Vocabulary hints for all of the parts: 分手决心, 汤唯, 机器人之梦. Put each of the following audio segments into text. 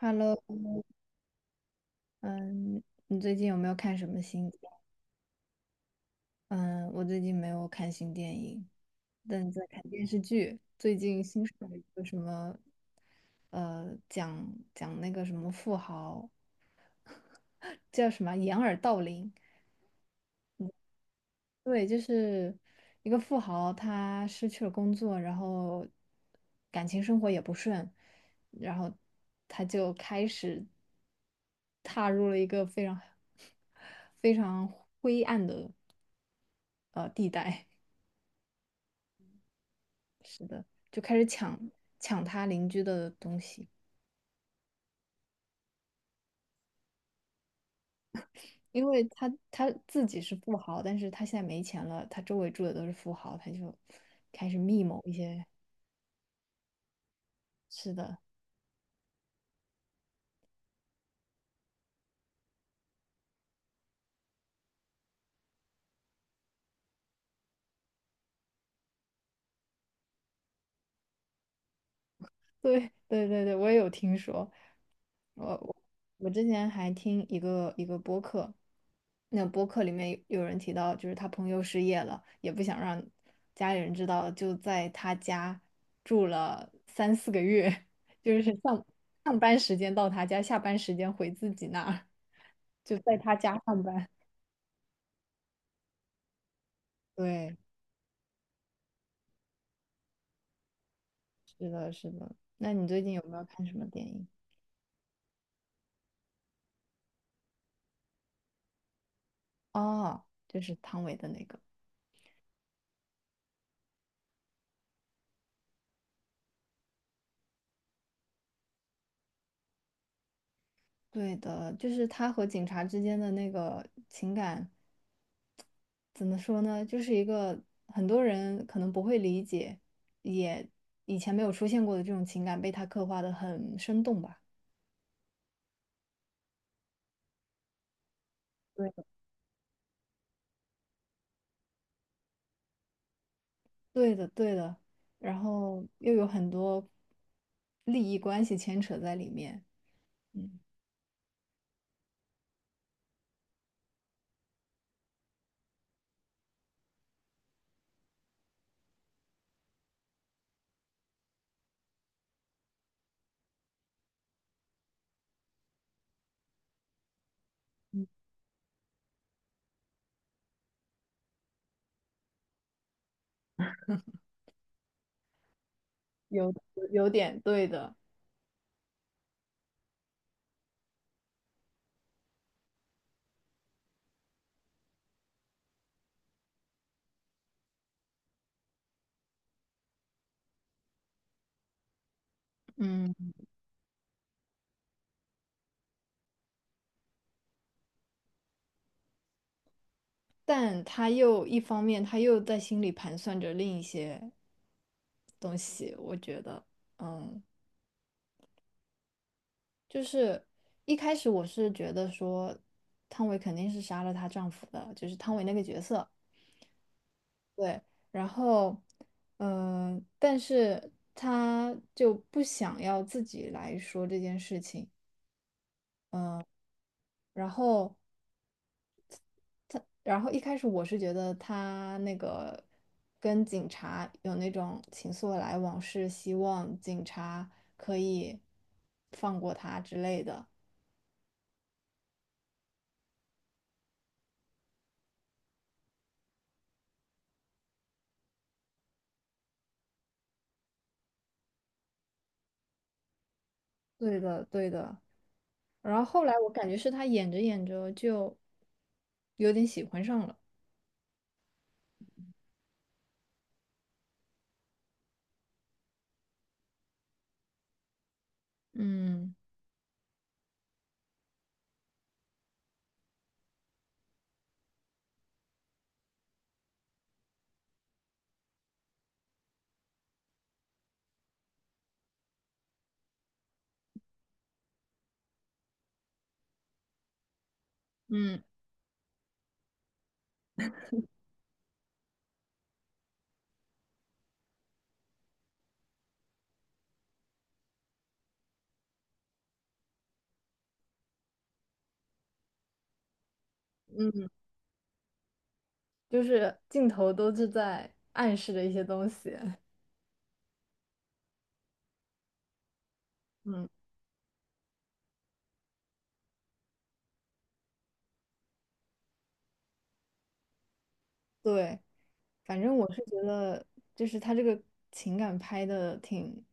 Hello，嗯，你最近有没有看什么新电影？嗯，我最近没有看新电影，但在看电视剧。最近新上了一个什么，讲那个什么富豪，叫什么掩耳盗铃。对，就是一个富豪，他失去了工作，然后感情生活也不顺，然后他就开始踏入了一个非常 非常灰暗的。呃地带，就开始抢他邻居的东西，因为他自己是富豪，但是他现在没钱了，他周围住的都是富豪，他就开始密谋一些，是的，对对对对，我也有听说，我我之前还听一个播客，那播客里面有人提到，就是他朋友失业了，也不想让家里人知道，就在他家住了三四个月，就是上班时间到他家，下班时间回自己那儿，就在他家上班。对，是的，是的。那你最近有没有看什么电影？哦，就是汤唯的那个。对的，就是他和警察之间的那个情感。怎么说呢，就是一个很多人可能不会理解，也以前没有出现过的这种情感被他刻画的很生动吧。对，的，对的，对的，然后又有很多利益关系牵扯在里面，嗯，有有点对的，嗯，但他又一方面他又在心里盘算着另一些东西，我觉得，嗯。就是一开始我是觉得说，汤唯肯定是杀了她丈夫的，就是汤唯那个角色。对，然后，嗯、但是她就不想要自己来说这件事情。然后，然后一开始我是觉得她那个跟警察有那种情愫的来往，是希望警察可以放过她之类的。对的，对的。然后后来我感觉是他演着演着就有点喜欢上了，嗯嗯，就是镜头都是在暗示着一些东西，嗯，对，反正我是觉得就是他这个情感拍的挺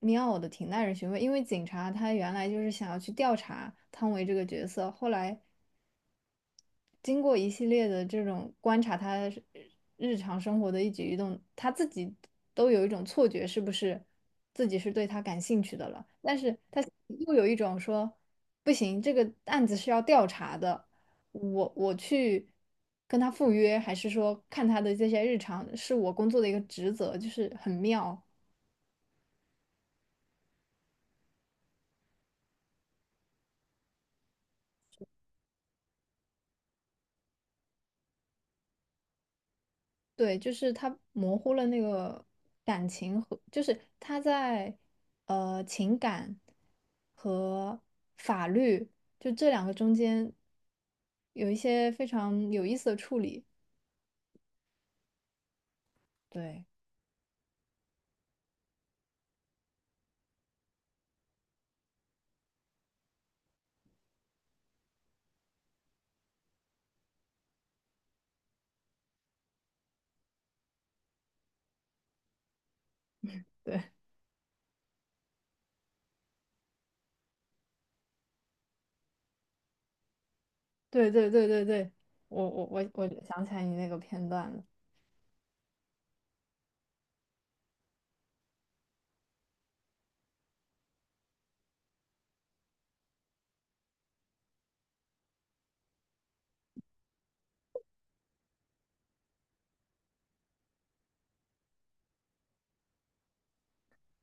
妙的，挺耐人寻味，因为警察他原来就是想要去调查汤唯这个角色，后来。经过一系列的这种观察，他是日常生活的一举一动，他自己都有一种错觉，是不是自己是对他感兴趣的了？但是他又有一种说，不行，这个案子是要调查的，我去跟他赴约，还是说看他的这些日常，是我工作的一个职责，就是很妙。对，就是他模糊了那个感情和，就是他在呃情感和法律就这两个中间有一些非常有意思的处理。对，对，对，对，对，对，对，我想起来你那个片段了，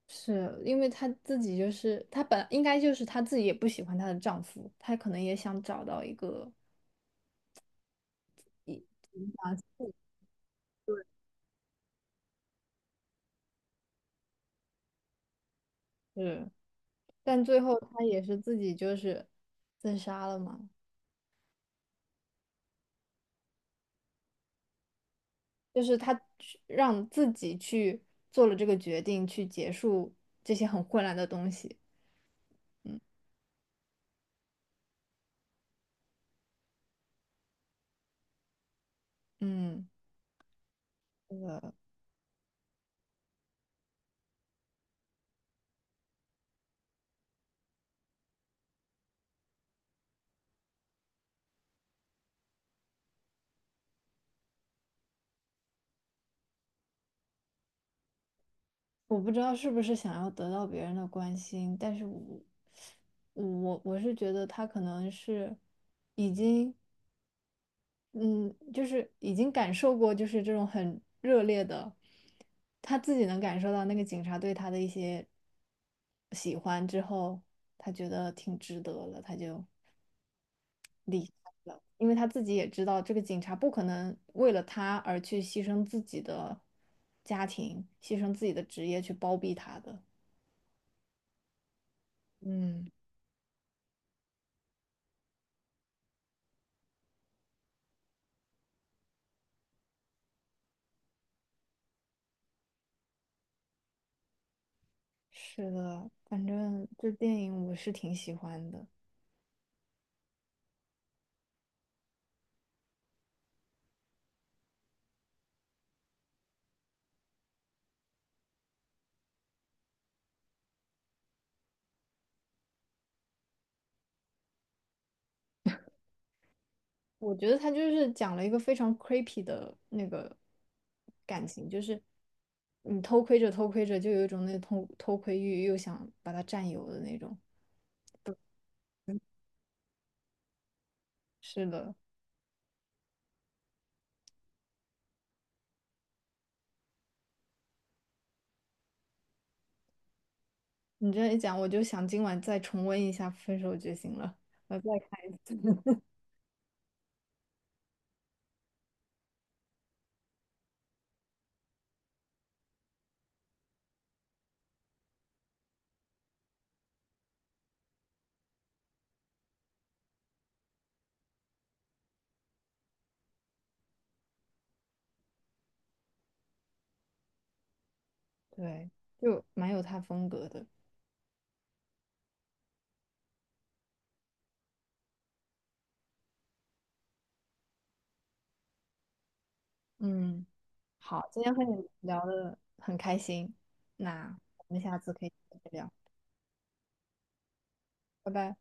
是因为她自己就是她本应该就是她自己也不喜欢她的丈夫，她可能也想找到一个是。但最后他也是自己就是自杀了嘛，就是他去让自己去做了这个决定，去结束这些很混乱的东西。嗯嗯，我不知道是不是想要得到别人的关心，但是我我是觉得他可能是已经嗯，就是已经感受过，就是这种很热烈的，他自己能感受到那个警察对他的一些喜欢之后，他觉得挺值得了，他就，因为他自己也知道这个警察不可能为了他而去牺牲自己的家庭，牺牲自己的职业去包庇他的。嗯，是的，反正这电影我是挺喜欢的。我觉得他就是讲了一个非常 creepy 的那个感情，就是你偷窥着偷窥着，就有一种那偷窥欲，又想把他占有的那种。是的，你这样一讲，我就想今晚再重温一下《分手决心》了，我再看一次。对，就蛮有他风格的。嗯，好，今天和你聊的很开心，那我们下次可以再聊，拜拜。